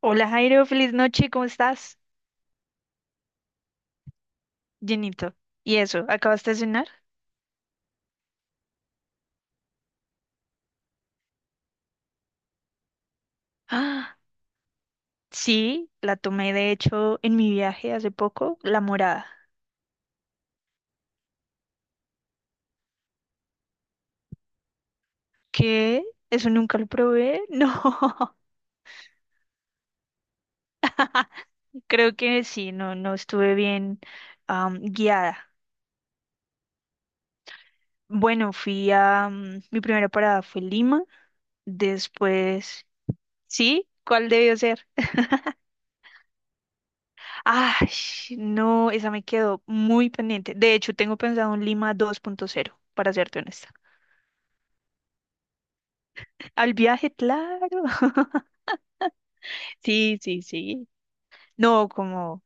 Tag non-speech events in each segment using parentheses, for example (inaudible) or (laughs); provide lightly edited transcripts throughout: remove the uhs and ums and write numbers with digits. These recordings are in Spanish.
Hola Jairo, feliz noche, ¿cómo estás? Llenito. ¿Y eso? ¿Acabaste de cenar? Ah, sí, la tomé de hecho en mi viaje hace poco, la morada. ¿Qué? ¿Eso nunca lo probé? (laughs) No, creo que sí, no, no estuve bien guiada. Bueno, fui a... mi primera parada fue Lima, después... ¿Sí? ¿Cuál debió ser? Ay, no, esa me quedó muy pendiente. De hecho, tengo pensado un Lima 2.0, para serte honesta. Al viaje, claro. (laughs) Sí, sí, sí. No, como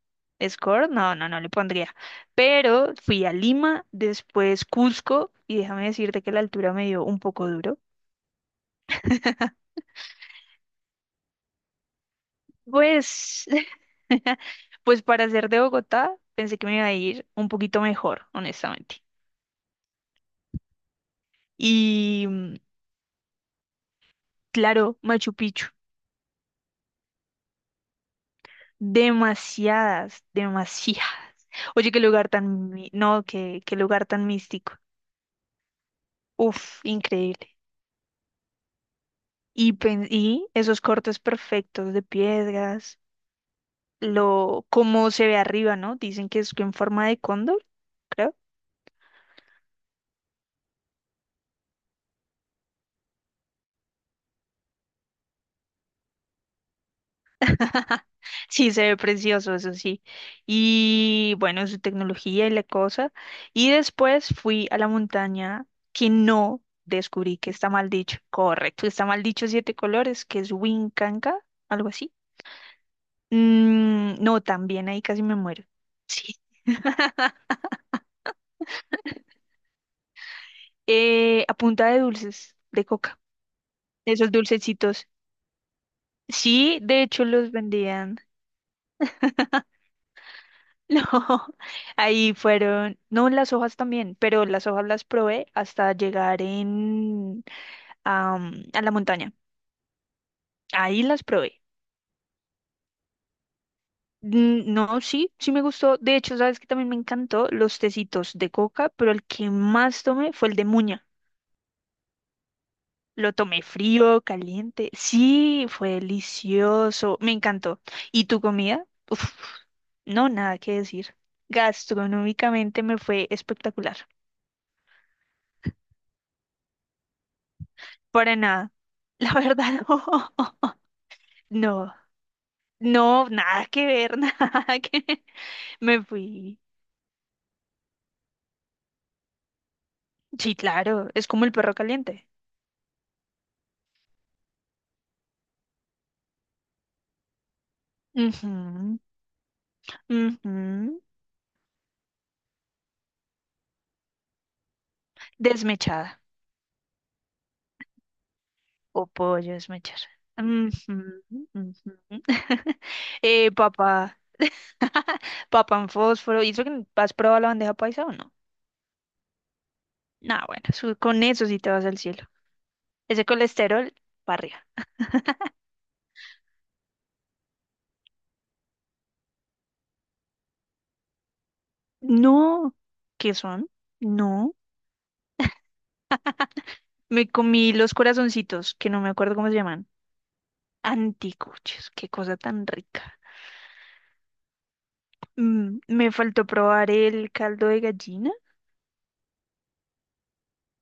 score, no, no, no le pondría. Pero fui a Lima, después Cusco, y déjame decirte que la altura me dio un poco duro. Pues, (laughs) pues para ser de Bogotá, pensé que me iba a ir un poquito mejor, honestamente. Y claro, Machu Picchu. Demasiadas, demasiadas. Oye, qué lugar tan, mi- no, qué lugar tan místico. Uf, increíble. Y, y esos cortes perfectos de piedras, lo, cómo se ve arriba, ¿no? Dicen que es en forma de cóndor, creo. (laughs) Sí, se ve precioso, eso sí. Y bueno, su tecnología y la cosa. Y después fui a la montaña que no descubrí que está mal dicho. Correcto, está mal dicho siete colores, que es Wincanca, algo así. Mm, no, también ahí casi me muero. Sí. A punta de dulces, de coca. Esos dulcecitos. Sí, de hecho los vendían. (laughs) No, ahí fueron, no las hojas también, pero las hojas las probé hasta llegar en a la montaña. Ahí las probé. Mm, no, sí, sí me gustó. De hecho, sabes que también me encantó los tecitos de coca, pero el que más tomé fue el de muña. Lo tomé frío, caliente. Sí, fue delicioso. Me encantó. ¿Y tu comida? Uf, no, nada que decir. Gastronómicamente me fue espectacular. Para nada. La verdad, (laughs) no. No, no, nada que ver, (laughs) nada que... Me fui. Sí, claro, es como el perro caliente. Ujú, ujú. Desmechada o pollo desmechar. Ujú, ujú. (laughs) Papá, (laughs) papá en fósforo. ¿Y eso que has probado la bandeja paisa o no? Nah, bueno, con eso sí te vas al cielo. Ese colesterol para arriba. No, ¿qué son? No. Me comí los corazoncitos, que no me acuerdo cómo se llaman. Anticuchos, qué cosa tan rica. Mm, me faltó probar el caldo de gallina,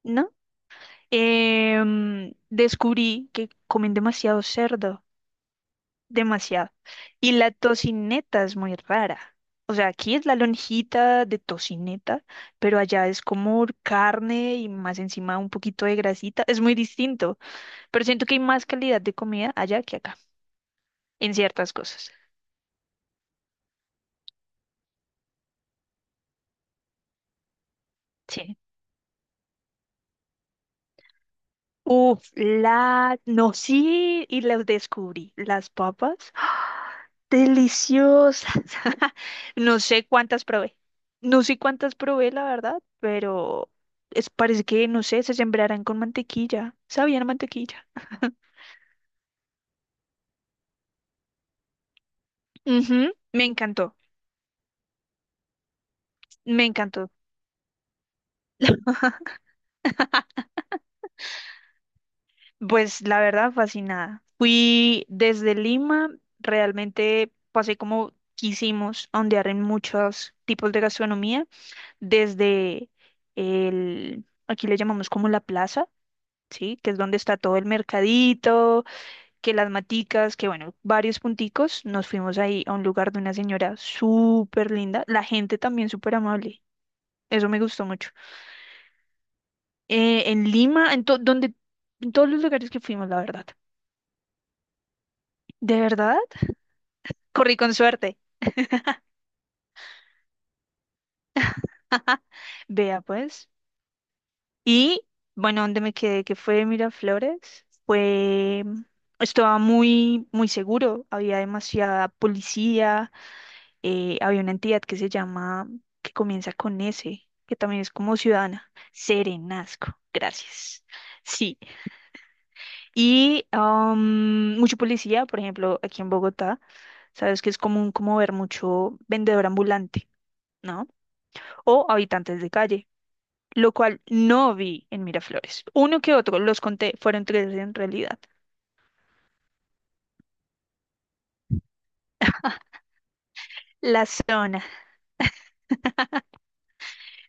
¿no? Descubrí que comen demasiado cerdo, demasiado. Y la tocineta es muy rara. O sea, aquí es la lonjita de tocineta, pero allá es como carne y más encima un poquito de grasita. Es muy distinto, pero siento que hay más calidad de comida allá que acá, en ciertas cosas. Sí. Uf, la... No, sí, y las descubrí. Las papas. (gasps) ¡Ah! Deliciosas. (laughs) No sé cuántas probé. No sé cuántas probé, la verdad, pero es, parece que, no sé, se sembrarán con mantequilla. Sabían a mantequilla. Ujú, me encantó, me encantó. (laughs) Pues la verdad, fascinada. Fui desde Lima, realmente pasé como quisimos, a ondear en muchos tipos de gastronomía. Desde el, aquí le llamamos como la plaza, ¿sí? Que es donde está todo el mercadito, que las maticas, que bueno, varios punticos. Nos fuimos ahí a un lugar de una señora súper linda, la gente también súper amable. Eso me gustó mucho. En Lima, en, donde, en todos los lugares que fuimos, la verdad. ¿De verdad? Corrí con suerte. (laughs) Vea pues. Y bueno, donde me quedé, que fue Miraflores, fue, estaba muy, muy seguro, había demasiada policía, había una entidad que se llama, que comienza con S, que también es como ciudadana, Serenazgo, gracias. Sí, y mucho policía, por ejemplo, aquí en Bogotá, sabes que es común como ver mucho vendedor ambulante, ¿no? O habitantes de calle lo cual no vi en Miraflores. Uno que otro, los conté, fueron tres en realidad. La zona,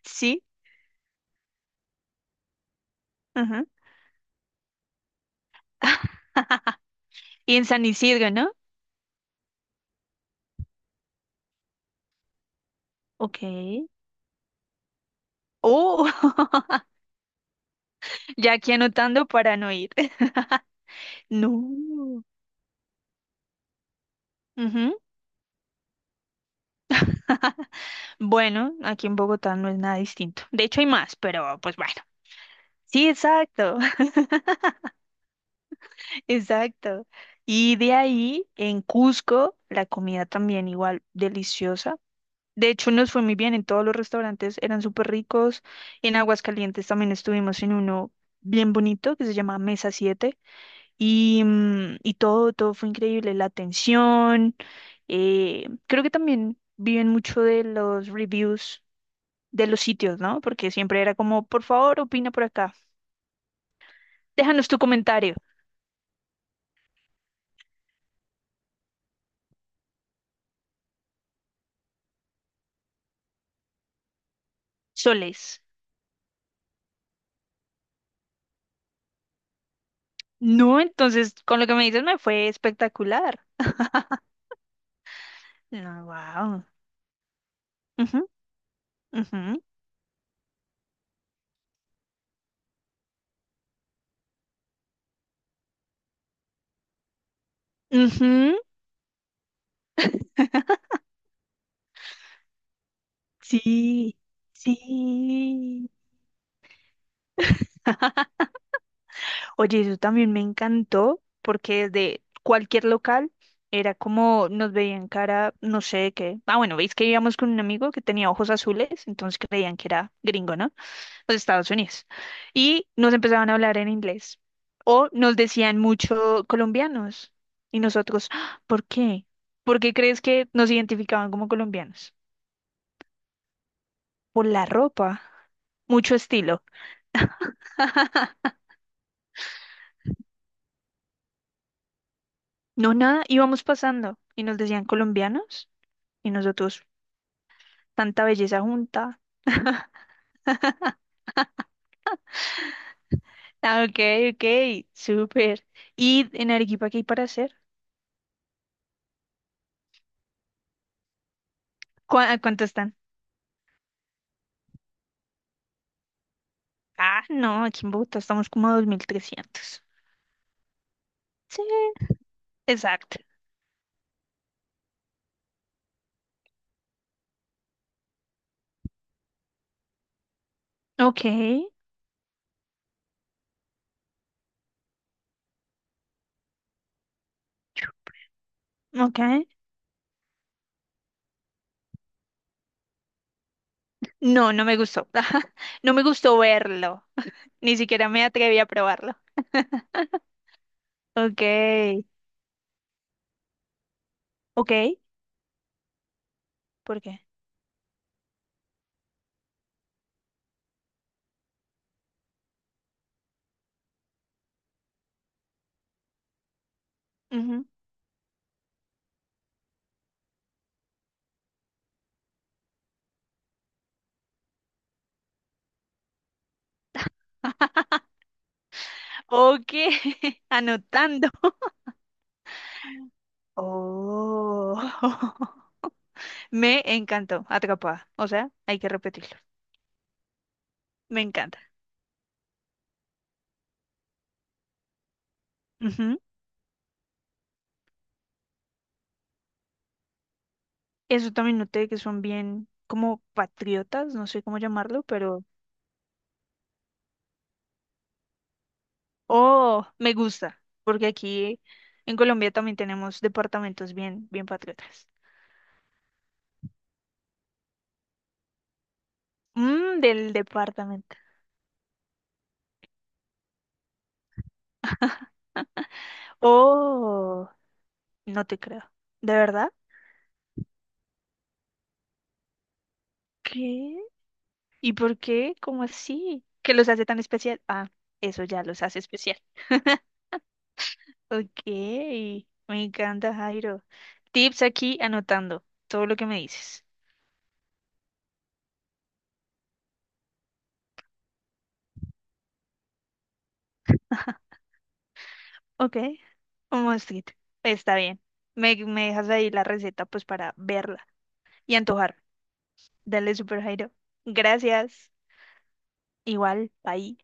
sí, ajá. (laughs) Y en San Isidro, ¿no? Ok. Oh, (laughs) ya aquí anotando para no ir. (laughs) No. Ujú. Bueno, aquí en Bogotá no es nada distinto. De hecho, hay más, pero pues bueno. Sí, exacto, (laughs) exacto. Y de ahí, en Cusco, la comida también igual deliciosa. De hecho, nos fue muy bien en todos los restaurantes, eran súper ricos. En Aguascalientes también estuvimos en uno bien bonito que se llama Mesa 7 y, y todo, todo fue increíble, la atención. Creo que también viven mucho de los reviews de los sitios, ¿no? Porque siempre era como, por favor, opina por acá, déjanos tu comentario, soles. No, entonces, con lo que me dices me fue espectacular. No, wow. Ujú, ujú, ujú. Sí, sí. Oye, eso también me encantó porque desde cualquier local era como nos veían cara, no sé de qué. Ah, bueno, veis que íbamos con un amigo que tenía ojos azules, entonces creían que era gringo, ¿no? Los Estados Unidos. Y nos empezaban a hablar en inglés. O nos decían mucho colombianos. Y nosotros, "Ah, ¿por qué? ¿Por qué crees que nos identificaban como colombianos? Por la ropa, mucho estilo. No, nada, íbamos pasando y nos decían colombianos y nosotros, tanta belleza junta. Ah, ok, ok, súper. ¿Y en Arequipa qué hay para hacer? A cuánto están? Ah, no, aquí en Bogotá estamos como a 2300. Sí, exacto. Ok, ok. No, no me gustó. (laughs) No me gustó verlo. Ni siquiera me atreví a probarlo. Ok, ok. ¿Por qué? Ujú. Ok, (laughs) anotando. Oh. (laughs) Me encantó, atrapada. O sea, hay que repetirlo. Me encanta. Ujú. Eso también noté que son bien como patriotas, no sé cómo llamarlo, pero... Oh, me gusta, porque aquí en Colombia también tenemos departamentos bien, bien patriotas. Mmm, del departamento. Oh, no te creo. ¿De verdad? ¿Qué? ¿Y por qué? ¿Cómo así? ¿Qué los hace tan especial? Ah, eso ya los hace especial. (laughs) Ok, me encanta, Jairo. Tips aquí anotando todo lo que me dices. Ok, un mosquito, está bien. Me dejas ahí la receta pues para verla y antojar. Dale, Super Jairo. Gracias. Igual, bye.